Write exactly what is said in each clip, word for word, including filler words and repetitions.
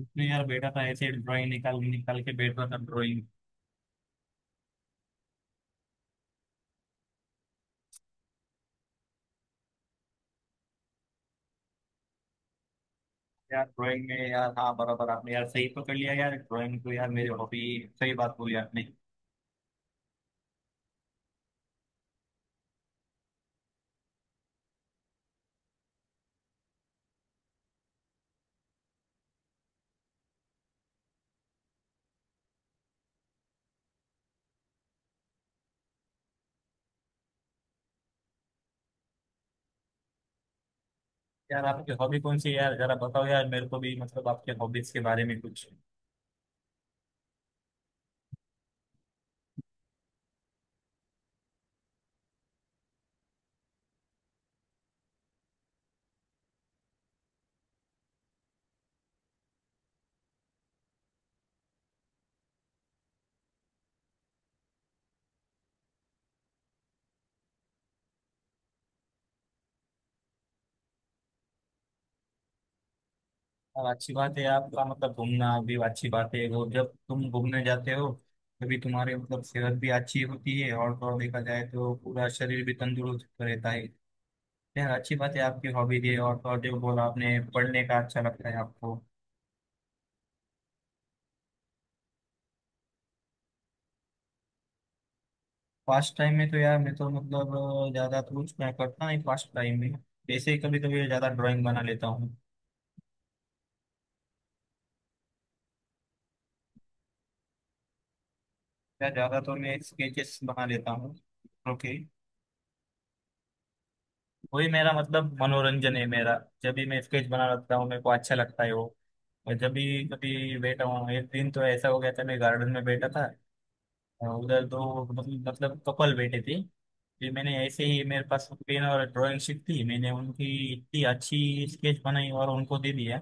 तो यार बैठा था ऐसे ड्राइंग निकाल निकाल के बैठा था ड्राइंग। यार ड्राइंग में यार, हाँ बराबर आपने यार सही पकड़ लिया, यार ड्राइंग तो यार मेरी हॉबी। सही बात बोली आपने। यार आपकी हॉबी कौन सी है यार, जरा बताओ यार, मेरे को भी मतलब आपके हॉबीज के बारे में कुछ। यार अच्छी बात है आपका, मतलब घूमना भी अच्छी बात है। वो जब तुम घूमने जाते हो तभी तुम्हारी मतलब सेहत भी अच्छी होती है, और तो और देखा जाए तो पूरा शरीर भी तंदुरुस्त रहता है। यार अच्छी बात है आपकी हॉबी है, और तो और जो बोला आपने पढ़ने का अच्छा लगता है आपको। फास्ट टाइम में तो यार मैं तो मतलब अ, ज्यादा तो कुछ मैं करता नहीं फास्ट टाइम में। वैसे ही कभी कभी ज्यादा ड्राइंग बना लेता हूँ। या ज्यादा तो मैं स्केचेस बना लेता हूँ। ओके। वही मेरा मतलब मनोरंजन है मेरा। जब भी मैं स्केच बना लेता हूँ मेरे को अच्छा लगता है वो। और जब भी कभी बैठा हूँ, एक दिन तो ऐसा हो गया था, मैं गार्डन में बैठा था। उधर दो मतलब मतलब कपल बैठे थे। फिर मैंने ऐसे ही, मेरे पास पेन और ड्राइंग शीट थी, मैंने उनकी इतनी अच्छी स्केच बनाई और उनको दे दिया।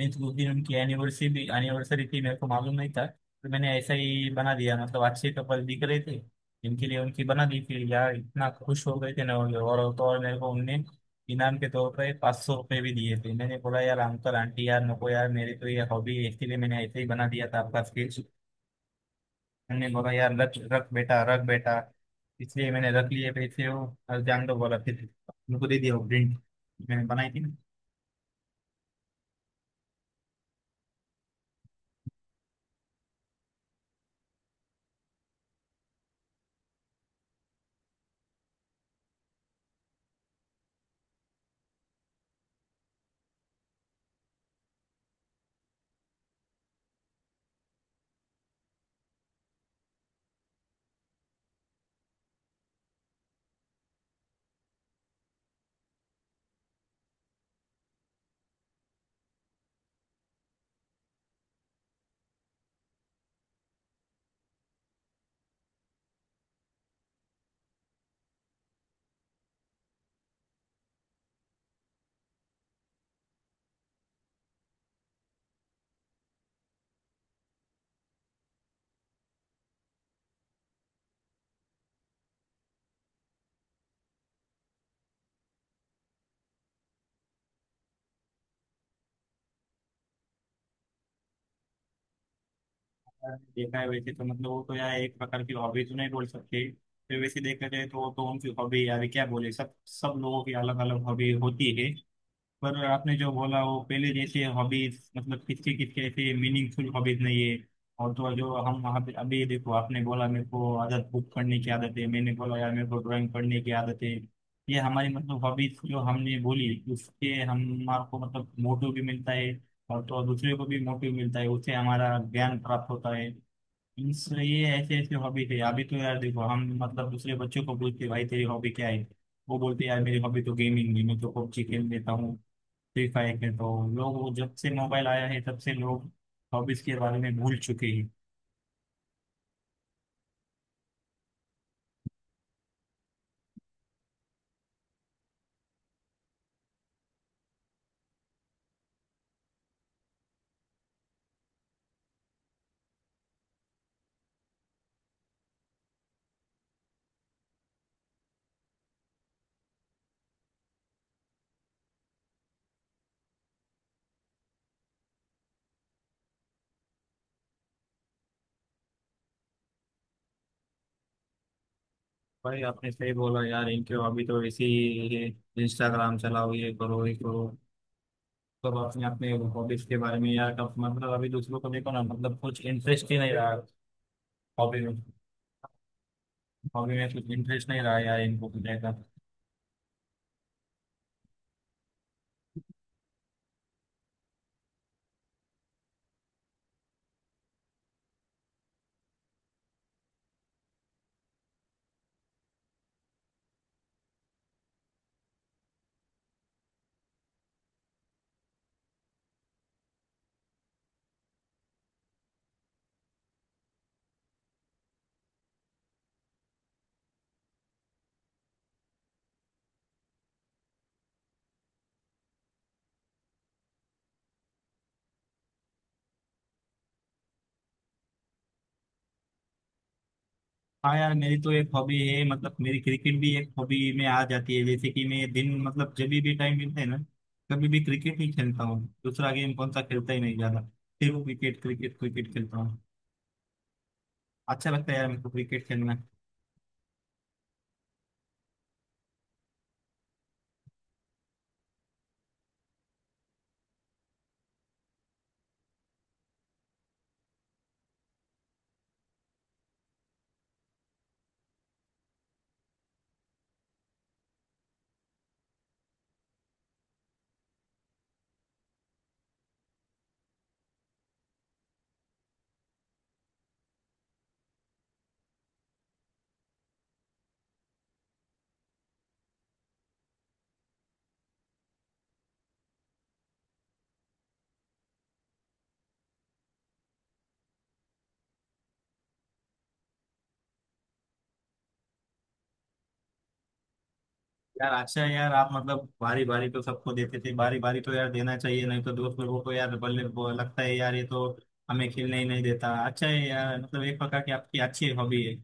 मीन्स उस दिन उनकी एनिवर्सरी भी एनिवर्सरी थी, मेरे को मालूम नहीं था, तो मैंने ऐसा ही बना दिया, मतलब अच्छे कपल दिख रहे थे जिनके लिए उनकी बना दी थी, यार इतना खुश हो गए थे ना वो लोग। और तो और मेरे को उनने इनाम के तौर पर पाँच सौ रुपये भी दिए थे। मैंने बोला यार अंकल आंटी, यार नको यार, मेरे तो ये हॉबी है, इसके लिए मैंने ऐसे ही बना दिया था आपका स्केच। मैंने बोला यार रख रख बेटा रख बेटा। इसलिए मैंने रख लिए पैसे हो। और जान दो बोला फिर। उनको दे दिया वो प्रिंट मैंने बनाई थी ना। देखा है वैसे तो, मतलब वो तो यार एक प्रकार की हॉबी तो नहीं बोल सकते। फिर वैसे देखा जाए तो वो तो उनकी हॉबी, यार क्या बोले, सब सब लोगों की अलग अलग हॉबी होती है। पर आपने जो बोला वो पहले जैसे हॉबीज, मतलब किसके किसके ऐसे मीनिंगफुल हॉबीज नहीं है। और तो और जो हम वहाँ पे अभी देखो, आपने बोला मेरे को आदत बुक पढ़ने की आदत है, मैंने बोला यार मेरे को ड्राइंग पढ़ने की आदत है। ये हमारी मतलब हॉबीज जो हमने बोली उससे हमारे को मतलब मोटिव भी मिलता है, और तो और दूसरे को भी मोटिव मिलता है, उससे हमारा ज्ञान प्राप्त होता है। इस ये ऐसे ऐसे हॉबी थे। अभी तो यार देखो हम मतलब दूसरे बच्चों को पूछते भाई तेरी हॉबी क्या है, वो बोलते यार मेरी हॉबी तो गेमिंग है, मैं तो पबजी खेल लेता हूँ, फ्री फायर के तो। लोग वो जब से मोबाइल आया है तब से लोग हॉबीज के बारे में भूल चुके हैं। भाई आपने सही बोला यार, इनके हॉबी तो ऐसी ही है। इंस्टाग्राम चलाओ, ये करो ये करो, सब अपने अपने हॉबीज के बारे में यार कब मतलब अभी दूसरों को देखो ना, मतलब कुछ इंटरेस्ट ही नहीं रहा हॉबी में। हॉबी में कुछ इंटरेस्ट नहीं रहा यार, इनको कुछ ऐसा। हाँ यार मेरी तो एक हॉबी है मतलब, मेरी क्रिकेट भी एक हॉबी में आ जाती है। जैसे कि मैं दिन मतलब जब भी टाइम मिलता है ना, कभी भी क्रिकेट ही खेलता हूँ, दूसरा गेम कौन सा खेलता ही नहीं ज्यादा। फिर वो क्रिकेट क्रिकेट क्रिकेट खेलता हूँ। अच्छा लगता है यार मेरे को क्रिकेट खेलना। यार अच्छा है यार, आप मतलब बारी बारी तो सबको देते थे, बारी बारी तो यार देना चाहिए नहीं तो दोस्त लोगों को यार बल्ले वो लगता है यार ये तो हमें खेलने ही नहीं देता। अच्छा है यार, मतलब एक प्रकार की आपकी अच्छी हॉबी है।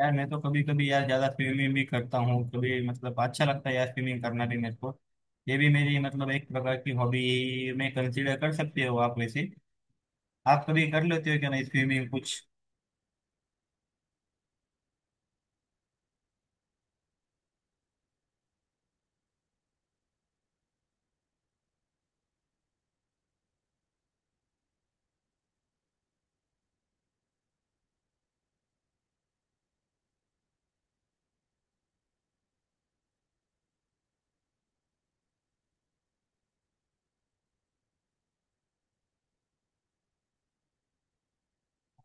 यार मैं तो कभी कभी यार ज्यादा स्विमिंग भी करता हूँ कभी, मतलब अच्छा लगता है यार स्विमिंग करना भी मेरे को। ये भी मेरी मतलब एक प्रकार की हॉबी में कंसीडर कर सकते हो आप। वैसे आप कभी कर लेते हो क्या नहीं स्विमिंग कुछ।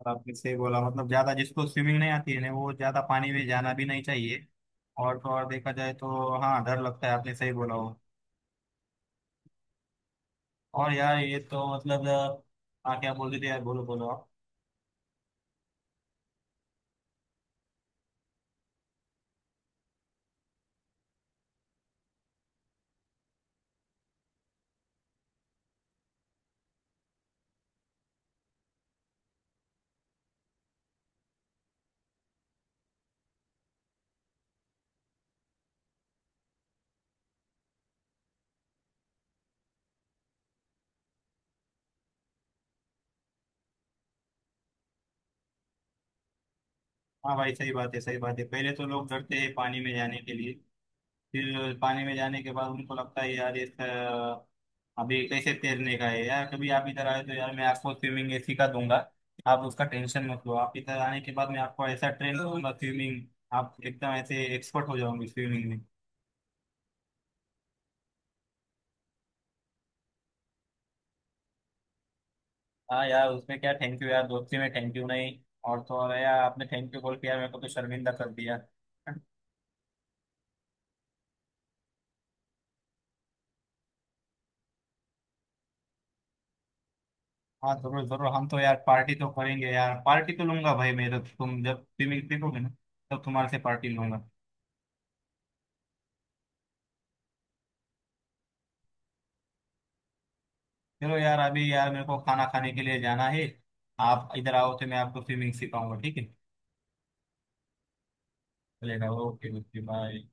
और आपने सही बोला, मतलब ज्यादा जिसको स्विमिंग नहीं आती है ना वो ज्यादा पानी में जाना भी नहीं चाहिए। और तो और देखा जाए तो हाँ डर लगता है, आपने सही बोला हो। और यार ये तो मतलब। हाँ क्या बोल रहे थे यार, बोलो बोलो आप। हाँ भाई सही बात है सही बात है, पहले तो लोग डरते हैं पानी में जाने के लिए। फिर पानी में जाने के बाद उनको लगता है यार ये स- अभी कैसे तैरने का है। यार कभी आप इधर आए तो यार मैं आपको स्विमिंग ऐसी सिखा दूंगा। आप उसका टेंशन मत लो, आप इधर आने के बाद मैं आपको ऐसा ट्रेन करूंगा स्विमिंग। आप एकदम ऐसे एक्सपर्ट हो जाओगे स्विमिंग में। हाँ यार उसमें क्या थैंक यू यार, दोस्ती में थैंक यू नहीं। और तो और यार आपने थैंक यू बोल के यार मेरे को तो शर्मिंदा कर दिया। हाँ जरूर जरूर, हम तो यार पार्टी तो करेंगे यार, पार्टी तो लूंगा भाई मैं तो, तुम जब स्विमिंग सीखोगे ना तब तुम्हारे से पार्टी लूंगा। चलो यार अभी यार मेरे को खाना खाने के लिए जाना है। आप इधर आओ तो मैं आपको स्विमिंग सिखाऊंगा, ठीक है। चलेगा ओके ओके बाय।